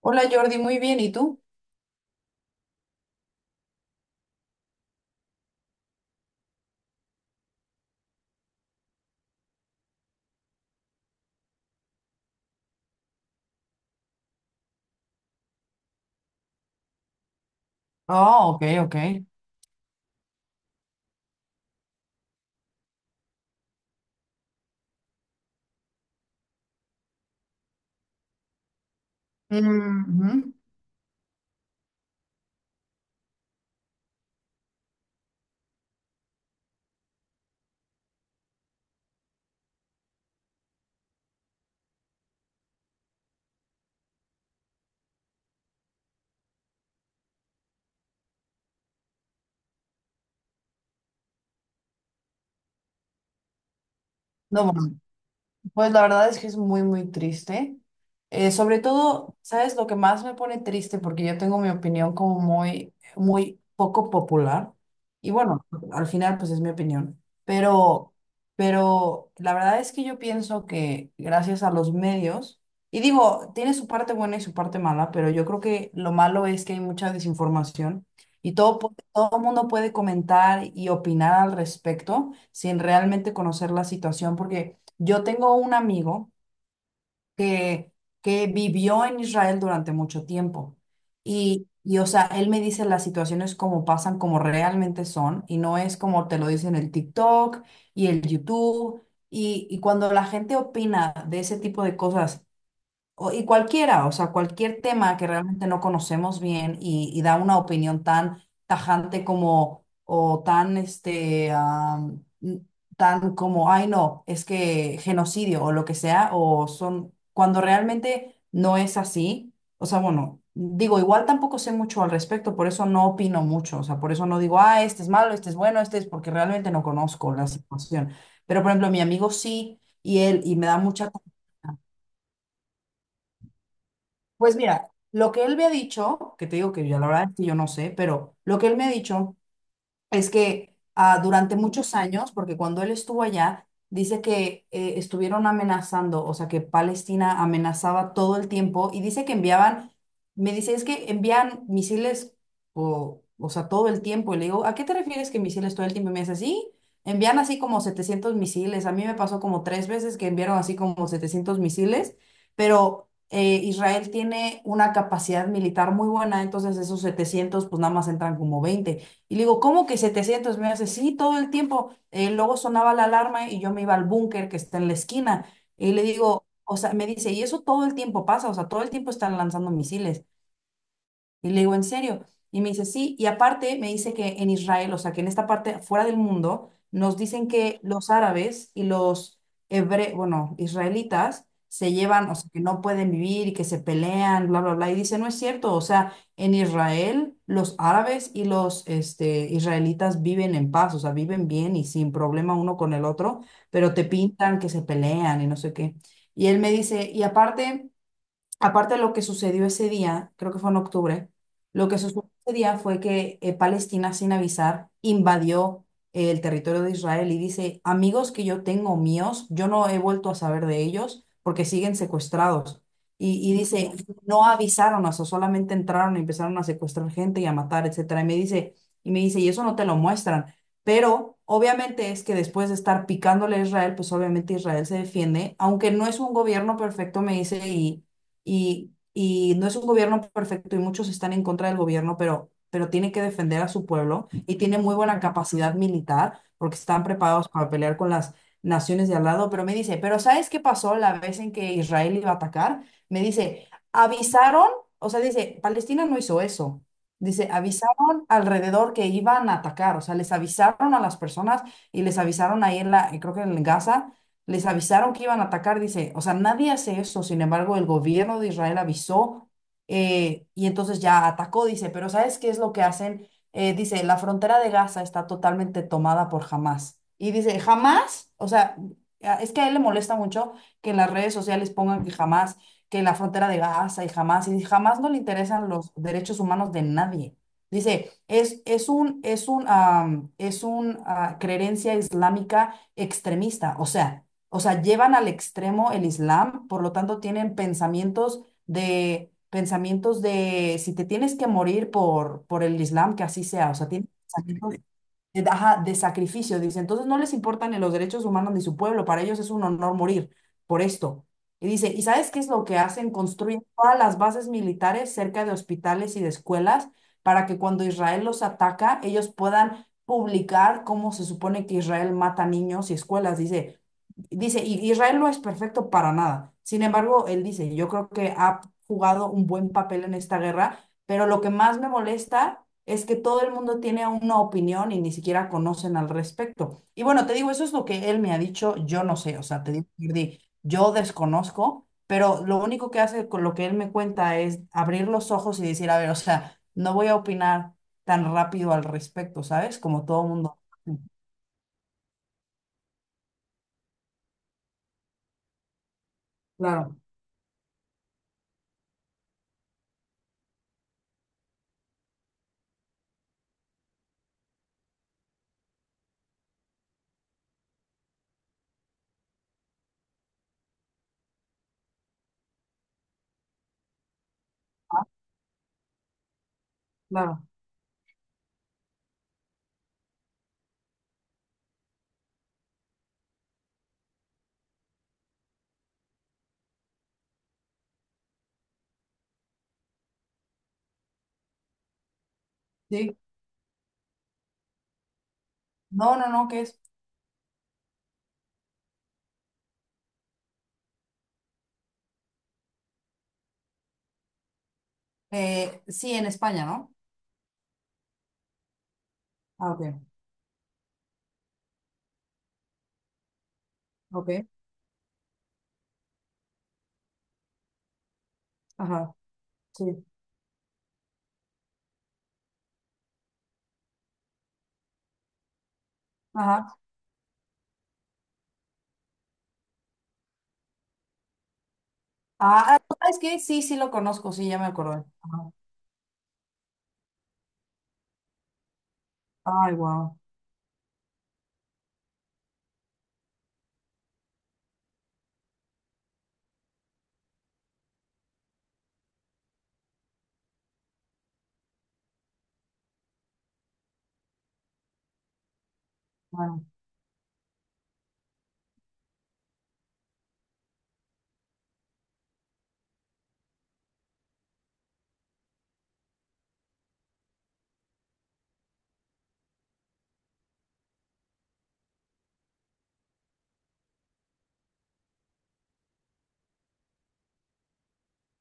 Hola Jordi, muy bien, ¿y tú? Ah, ok, ok. Ujú. No, bueno. Pues la verdad es que es muy triste. Sobre todo, ¿sabes lo que más me pone triste? Porque yo tengo mi opinión como muy poco popular. Y bueno, al final, pues es mi opinión. Pero la verdad es que yo pienso que gracias a los medios, y digo, tiene su parte buena y su parte mala, pero yo creo que lo malo es que hay mucha desinformación y todo, todo el mundo puede comentar y opinar al respecto sin realmente conocer la situación, porque yo tengo un amigo que, que vivió en Israel durante mucho tiempo o sea, él me dice las situaciones como pasan, como realmente son y no es como te lo dicen el TikTok y el YouTube y cuando la gente opina de ese tipo de cosas Y cualquiera, o sea, cualquier tema que realmente no conocemos bien y da una opinión tan tajante como, o tan, este, tan como, ay, no, es que genocidio o lo que sea, o son, cuando realmente no es así, o sea, bueno, digo, igual tampoco sé mucho al respecto, por eso no opino mucho, o sea, por eso no digo, ah, este es malo, este es bueno, este es porque realmente no conozco la situación. Pero, por ejemplo, mi amigo sí, y él, y me da mucha... Pues mira, lo que él me ha dicho, que te digo que yo la verdad es que yo no sé, pero lo que él me ha dicho es que ah, durante muchos años, porque cuando él estuvo allá, dice que estuvieron amenazando, o sea, que Palestina amenazaba todo el tiempo y dice que enviaban, me dice, es que envían misiles, o sea, todo el tiempo. Y le digo, ¿a qué te refieres que misiles todo el tiempo? Y me dice, sí, envían así como 700 misiles. A mí me pasó como tres veces que enviaron así como 700 misiles, pero... Israel tiene una capacidad militar muy buena, entonces esos 700 pues nada más entran como 20 y le digo, ¿cómo que 700? Me hace, sí, todo el tiempo. Luego sonaba la alarma y yo me iba al búnker que está en la esquina. Y le digo, o sea, me dice, y eso todo el tiempo pasa, o sea, todo el tiempo están lanzando misiles. Y le digo, ¿en serio? Y me dice, sí. Y aparte me dice que en Israel, o sea, que en esta parte fuera del mundo, nos dicen que los árabes y los bueno, israelitas se llevan, o sea, que no pueden vivir y que se pelean, bla, bla, bla. Y dice, no es cierto. O sea, en Israel, los árabes y los este, israelitas viven en paz, o sea, viven bien y sin problema uno con el otro, pero te pintan que se pelean y no sé qué. Y él me dice, y aparte... Aparte de lo que sucedió ese día, creo que fue en octubre, lo que sucedió ese día fue que Palestina, sin avisar, invadió el territorio de Israel y dice, amigos que yo tengo míos, yo no he vuelto a saber de ellos porque siguen secuestrados. Y dice, no avisaron, o sea, solamente entraron y empezaron a secuestrar gente y a matar, etcétera. Y me dice, y me dice, y eso no te lo muestran. Pero obviamente es que después de estar picándole a Israel, pues obviamente Israel se defiende, aunque no es un gobierno perfecto, me dice, y no es un gobierno perfecto y muchos están en contra del gobierno, pero tiene que defender a su pueblo y tiene muy buena capacidad militar porque están preparados para pelear con las naciones de al lado. Pero me dice, ¿pero sabes qué pasó la vez en que Israel iba a atacar? Me dice, avisaron, o sea, dice, Palestina no hizo eso. Dice, avisaron alrededor que iban a atacar, o sea, les avisaron a las personas y les avisaron ahí en la, creo que en Gaza, les avisaron que iban a atacar, dice, o sea, nadie hace eso, sin embargo, el gobierno de Israel avisó y entonces ya atacó, dice, pero ¿sabes qué es lo que hacen? Dice, la frontera de Gaza está totalmente tomada por Hamás. Y dice, Hamás, o sea, es que a él le molesta mucho que en las redes sociales pongan que Hamás, que la frontera de Gaza y Hamás, y jamás no le interesan los derechos humanos de nadie. Dice, es un, am, es un, ah, creencia islámica extremista, o sea, llevan al extremo el Islam, por lo tanto tienen pensamientos pensamientos de si te tienes que morir por el Islam, que así sea, o sea, tienen pensamientos ajá, de sacrificio, dice. Entonces no les importan ni los derechos humanos ni su pueblo, para ellos es un honor morir por esto. Y dice, ¿y sabes qué es lo que hacen? Construyen todas las bases militares cerca de hospitales y de escuelas para que cuando Israel los ataca, ellos puedan publicar cómo se supone que Israel mata niños y escuelas. Dice, "Y Israel no es perfecto para nada. Sin embargo, él dice, yo creo que ha jugado un buen papel en esta guerra, pero lo que más me molesta es que todo el mundo tiene una opinión y ni siquiera conocen al respecto. Y bueno, te digo, eso es lo que él me ha dicho, yo no sé, o sea, te digo, Jordi, yo desconozco, pero lo único que hace con lo que él me cuenta es abrir los ojos y decir, a ver, o sea, no voy a opinar tan rápido al respecto, ¿sabes? Como todo mundo. Claro, claro. Sí. No, no, no, ¿qué es? Sí, en España, ¿no? Ah, ok, ok, ajá, sí. Ajá. Ah, ah, ¿sabes qué? Sí, sí lo conozco, sí, ya me acordé. Ajá. Ay, wow. Bueno.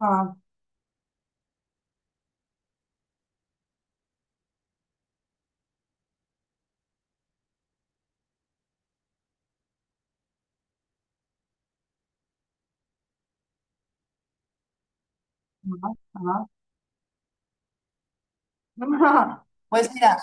Ah, ajá, ajá. Pues mira,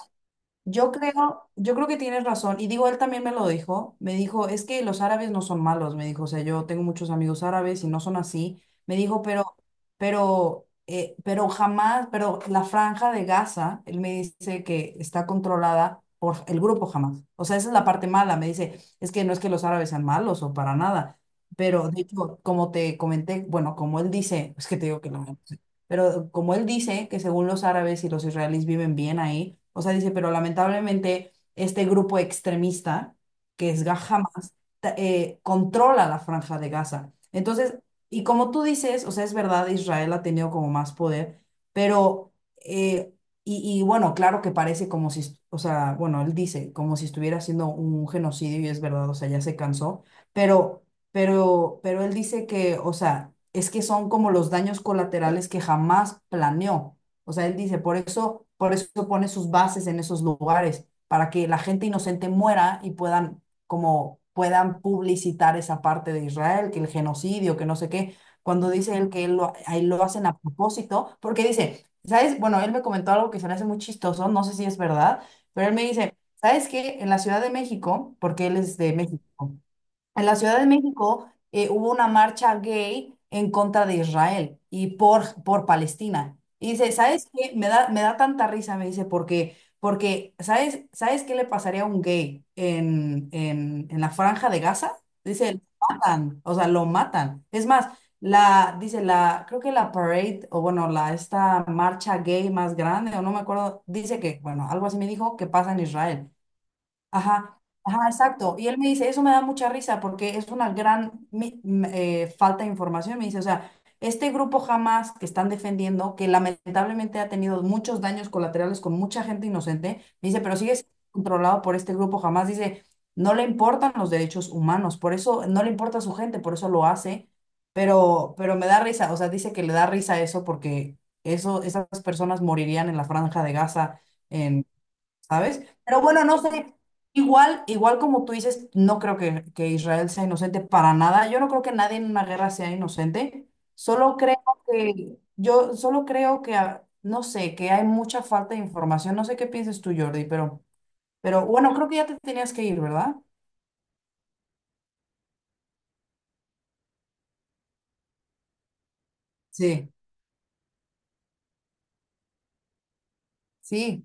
yo creo que tienes razón. Y digo, él también me lo dijo. Me dijo, es que los árabes no son malos. Me dijo, o sea, yo tengo muchos amigos árabes y no son así. Me dijo, pero jamás, pero la franja de Gaza, él me dice que está controlada por el grupo jamás. O sea, esa es la parte mala. Me dice, es que no es que los árabes sean malos o para nada. Pero de hecho, como te comenté, bueno, como él dice, es que te digo que no. Pero como él dice que según los árabes y los israelíes viven bien ahí, o sea, dice, pero lamentablemente este grupo extremista, que es Hamas, controla la franja de Gaza. Entonces, y como tú dices, o sea, es verdad, Israel ha tenido como más poder, pero, eh, bueno, claro que parece como si, o sea, bueno, él dice, como si estuviera haciendo un genocidio y es verdad, o sea, ya se cansó, pero pero él dice que, o sea, es que son como los daños colaterales que jamás planeó. O sea, él dice, por eso pone sus bases en esos lugares, para que la gente inocente muera y puedan, como, puedan publicitar esa parte de Israel, que el genocidio, que no sé qué. Cuando dice él que él lo, ahí lo hacen a propósito, porque dice, ¿sabes? Bueno, él me comentó algo que se me hace muy chistoso, no sé si es verdad, pero él me dice, ¿sabes qué? En la Ciudad de México, porque él es de México. En la Ciudad de México hubo una marcha gay en contra de Israel y por Palestina. Y dice, ¿sabes qué? Me da tanta risa, me dice, porque ¿sabes, ¿sabes qué le pasaría a un gay en la franja de Gaza? Dice, lo matan, o sea, lo matan. Es más, la, dice, la, creo que la parade, o bueno, la, esta marcha gay más grande, o no me acuerdo, dice que, bueno, algo así me dijo, que pasa en Israel. Ajá, ajá, exacto. Y él me dice, eso me da mucha risa porque es una gran falta de información. Me dice, o sea, este grupo jamás que están defendiendo, que lamentablemente ha tenido muchos daños colaterales con mucha gente inocente, me dice, pero sigue siendo controlado por este grupo jamás. Dice, no le importan los derechos humanos, por eso no le importa a su gente, por eso lo hace. Pero me da risa, o sea, dice que le da risa eso porque eso, esas personas morirían en la franja de Gaza. ¿Sabes? Pero bueno, no sé, igual, igual como tú dices, no creo que Israel sea inocente para nada. Yo no creo que nadie en una guerra sea inocente. Solo creo que, yo solo creo que, ah, no sé, que hay mucha falta de información. No sé qué piensas tú, Jordi, pero bueno, creo que ya te tenías que ir, ¿verdad? Sí, sí.